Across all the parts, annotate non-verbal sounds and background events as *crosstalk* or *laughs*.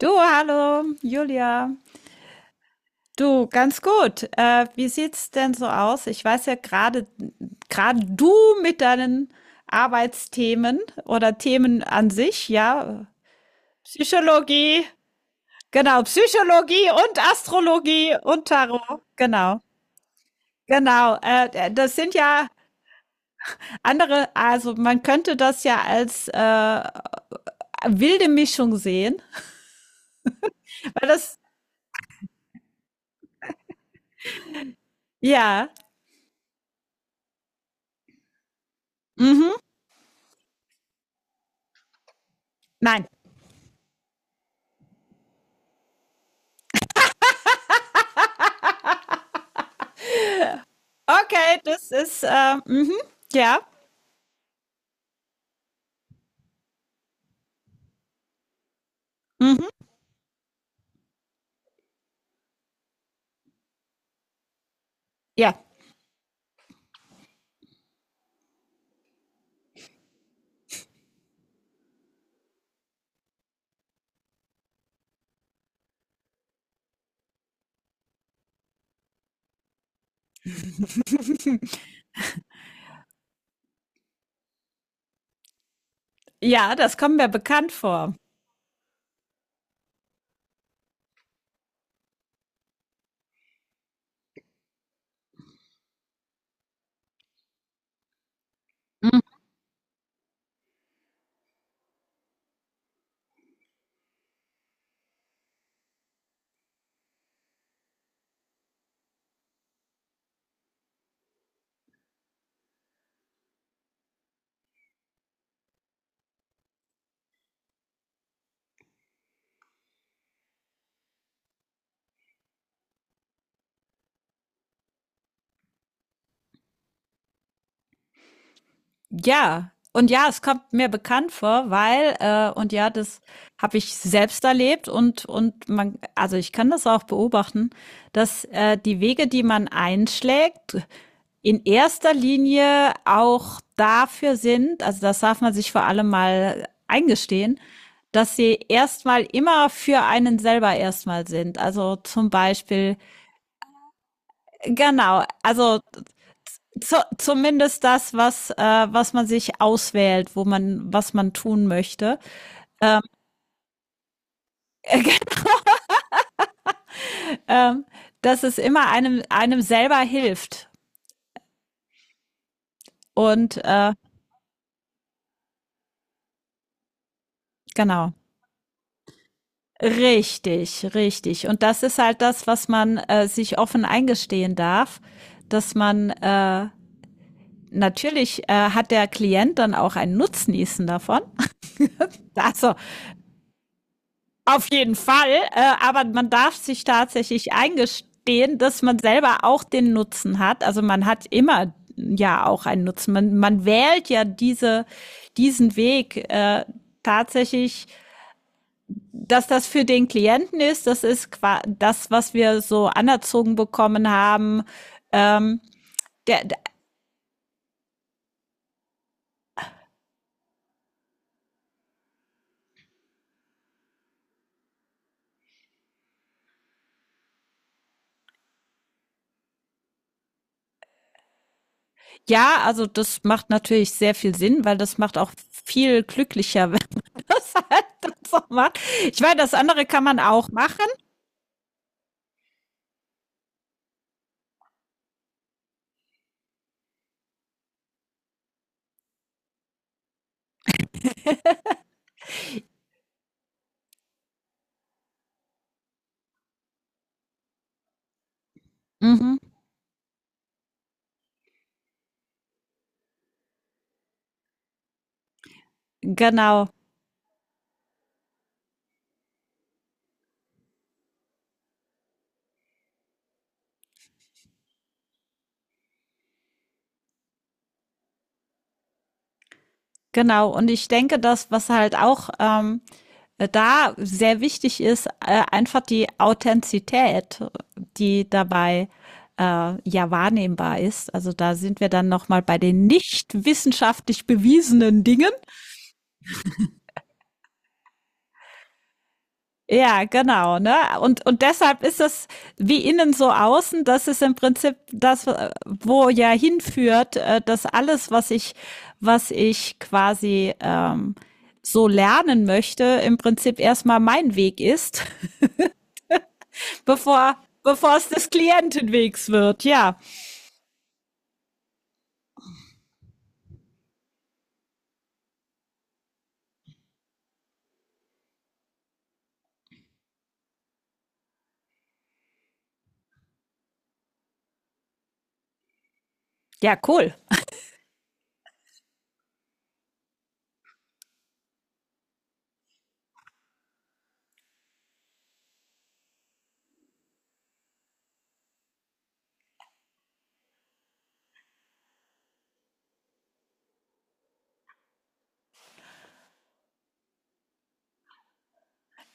Du, hallo, Julia. Du, ganz gut. Wie sieht's denn so aus? Ich weiß ja gerade du mit deinen Arbeitsthemen oder Themen an sich, ja, Psychologie, genau, Psychologie und Astrologie und Tarot, genau, genau. Das sind ja andere, also man könnte das ja als wilde Mischung sehen, weil das, ja, mhm, nein. Okay, das ist, mhm, ja, mhm, ja. *laughs* Ja, das kommt mir bekannt vor. Ja, und ja, es kommt mir bekannt vor, weil, und ja, das habe ich selbst erlebt und man, also ich kann das auch beobachten, dass die Wege, die man einschlägt, in erster Linie auch dafür sind, also das darf man sich vor allem mal eingestehen, dass sie erstmal immer für einen selber erstmal sind. Also zum Beispiel, genau, also zumindest das, was, was man sich auswählt, wo man, was man tun möchte. *laughs* ähm, Dass es immer einem selber hilft. Und genau. Richtig, richtig. Und das ist halt das, was man sich offen eingestehen darf, dass man natürlich hat der Klient dann auch einen Nutznießen davon. *laughs* Also auf jeden Fall, aber man darf sich tatsächlich eingestehen, dass man selber auch den Nutzen hat. Also man hat immer ja auch einen Nutzen. Man wählt ja diese, diesen Weg tatsächlich, dass das für den Klienten ist. Das ist das, was wir so anerzogen bekommen haben. Ähm, der, der, ja, also das macht natürlich sehr viel Sinn, weil das macht auch viel glücklicher, *laughs* wenn man das halt so macht. Ich meine, das andere kann man auch machen. Mhm, genau, genau. Und ich denke, das, was halt auch da sehr wichtig ist, einfach die Authentizität, die dabei ja wahrnehmbar ist. Also da sind wir dann nochmal bei den nicht wissenschaftlich bewiesenen Dingen. Ja, genau, ne? Und deshalb ist es wie innen so außen, das ist im Prinzip das, wo ja hinführt, dass alles, was ich quasi so lernen möchte, im Prinzip erstmal mein Weg ist, *laughs* bevor, bevor es des Klientenwegs wird. Ja, ja, cool.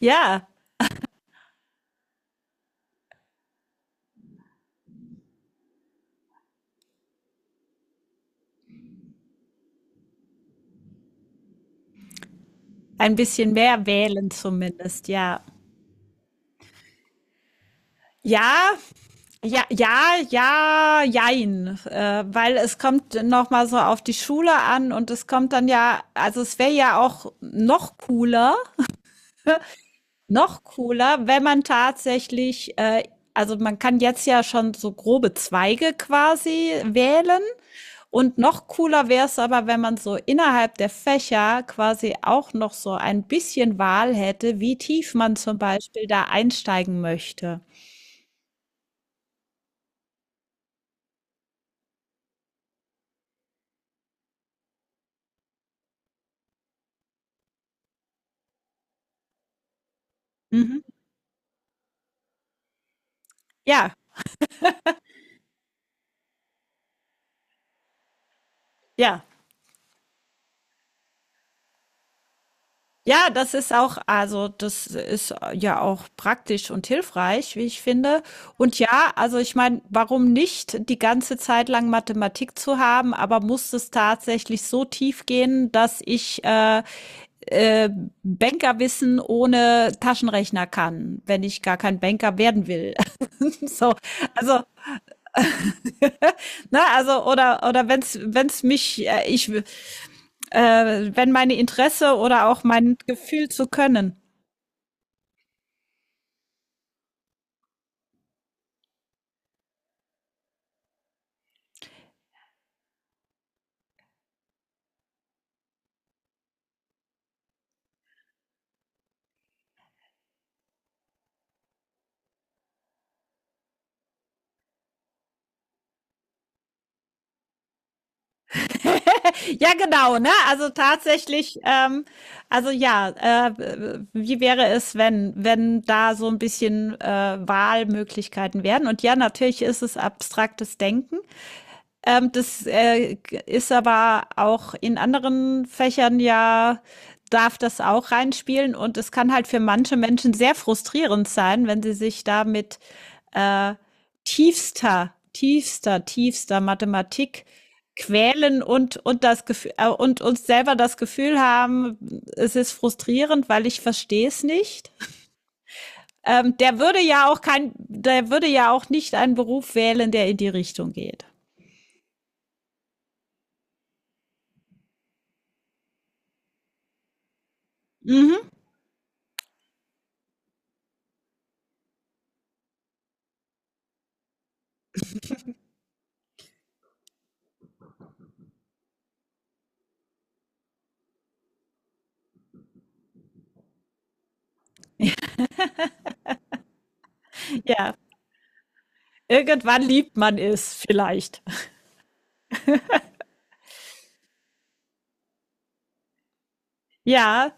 Ja, ein bisschen mehr wählen zumindest, ja. Ja, ja, ja, ja, jein, weil es kommt noch mal so auf die Schule an und es kommt dann ja, also es wäre ja auch noch cooler, wenn man tatsächlich, also man kann jetzt ja schon so grobe Zweige quasi wählen und noch cooler wäre es aber, wenn man so innerhalb der Fächer quasi auch noch so ein bisschen Wahl hätte, wie tief man zum Beispiel da einsteigen möchte. Mhm. Ja, ja. Ja, das ist auch, also das ist ja auch praktisch und hilfreich, wie ich finde. Und ja, also ich meine, warum nicht die ganze Zeit lang Mathematik zu haben, aber muss es tatsächlich so tief gehen, dass ich äh, Bankerwissen ohne Taschenrechner kann, wenn ich gar kein Banker werden will. *laughs* So, also, ne, also oder wenn's mich ich wenn meine Interesse oder auch mein Gefühl zu können. Ja, genau, ne? Also tatsächlich, also ja, äh, wie wäre es, wenn, wenn da so ein bisschen Wahlmöglichkeiten wären? Und ja, natürlich ist es abstraktes Denken. Das ist aber auch in anderen Fächern ja, darf das auch reinspielen und es kann halt für manche Menschen sehr frustrierend sein, wenn sie sich da mit äh, tiefster, tiefster, tiefster Mathematik quälen und das Gefühl und uns selber das Gefühl haben, es ist frustrierend, weil ich verstehe es nicht. Der würde ja auch kein, der würde ja auch nicht einen Beruf wählen, der in die Richtung geht. Mhm. Ja. Irgendwann liebt man es vielleicht. Ja,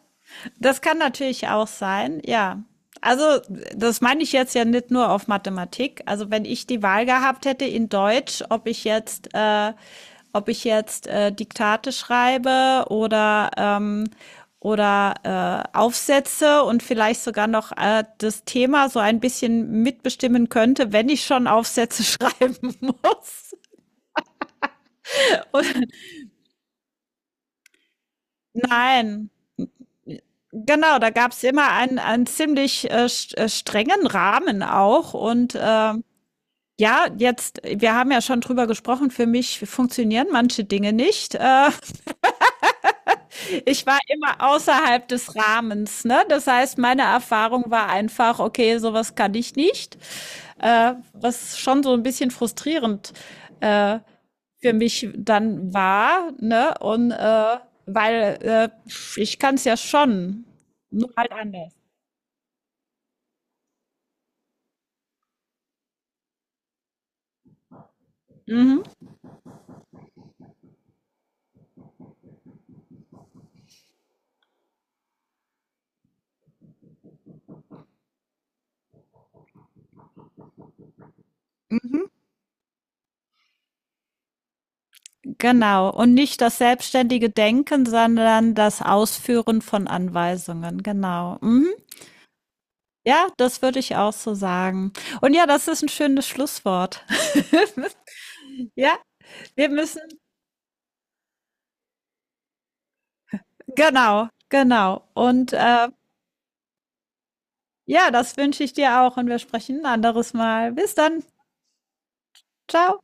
das kann natürlich auch sein, ja. Also, das meine ich jetzt ja nicht nur auf Mathematik. Also, wenn ich die Wahl gehabt hätte in Deutsch, ob ich jetzt Diktate schreibe oder Aufsätze und vielleicht sogar noch das Thema so ein bisschen mitbestimmen könnte, wenn ich schon Aufsätze *laughs* schreiben muss. Und nein, genau, da gab es immer einen, einen ziemlich strengen Rahmen auch. Und ja, jetzt, wir haben ja schon drüber gesprochen, für mich funktionieren manche Dinge nicht. *laughs* Ich war immer außerhalb des Rahmens, ne? Das heißt, meine Erfahrung war einfach, okay, sowas kann ich nicht. Was schon so ein bisschen frustrierend äh, für mich dann war, ne? Und weil ich kann es ja schon, nur halt anders. Mhm. Mhm. Genau. Und nicht das selbstständige Denken, sondern das Ausführen von Anweisungen. Genau. Mhm. Ja, das würde ich auch so sagen. Und ja, das ist ein schönes Schlusswort. *laughs* Ja, wir müssen, genau, genau. Und ja, das wünsche ich dir auch und wir sprechen ein anderes Mal. Bis dann. Ciao.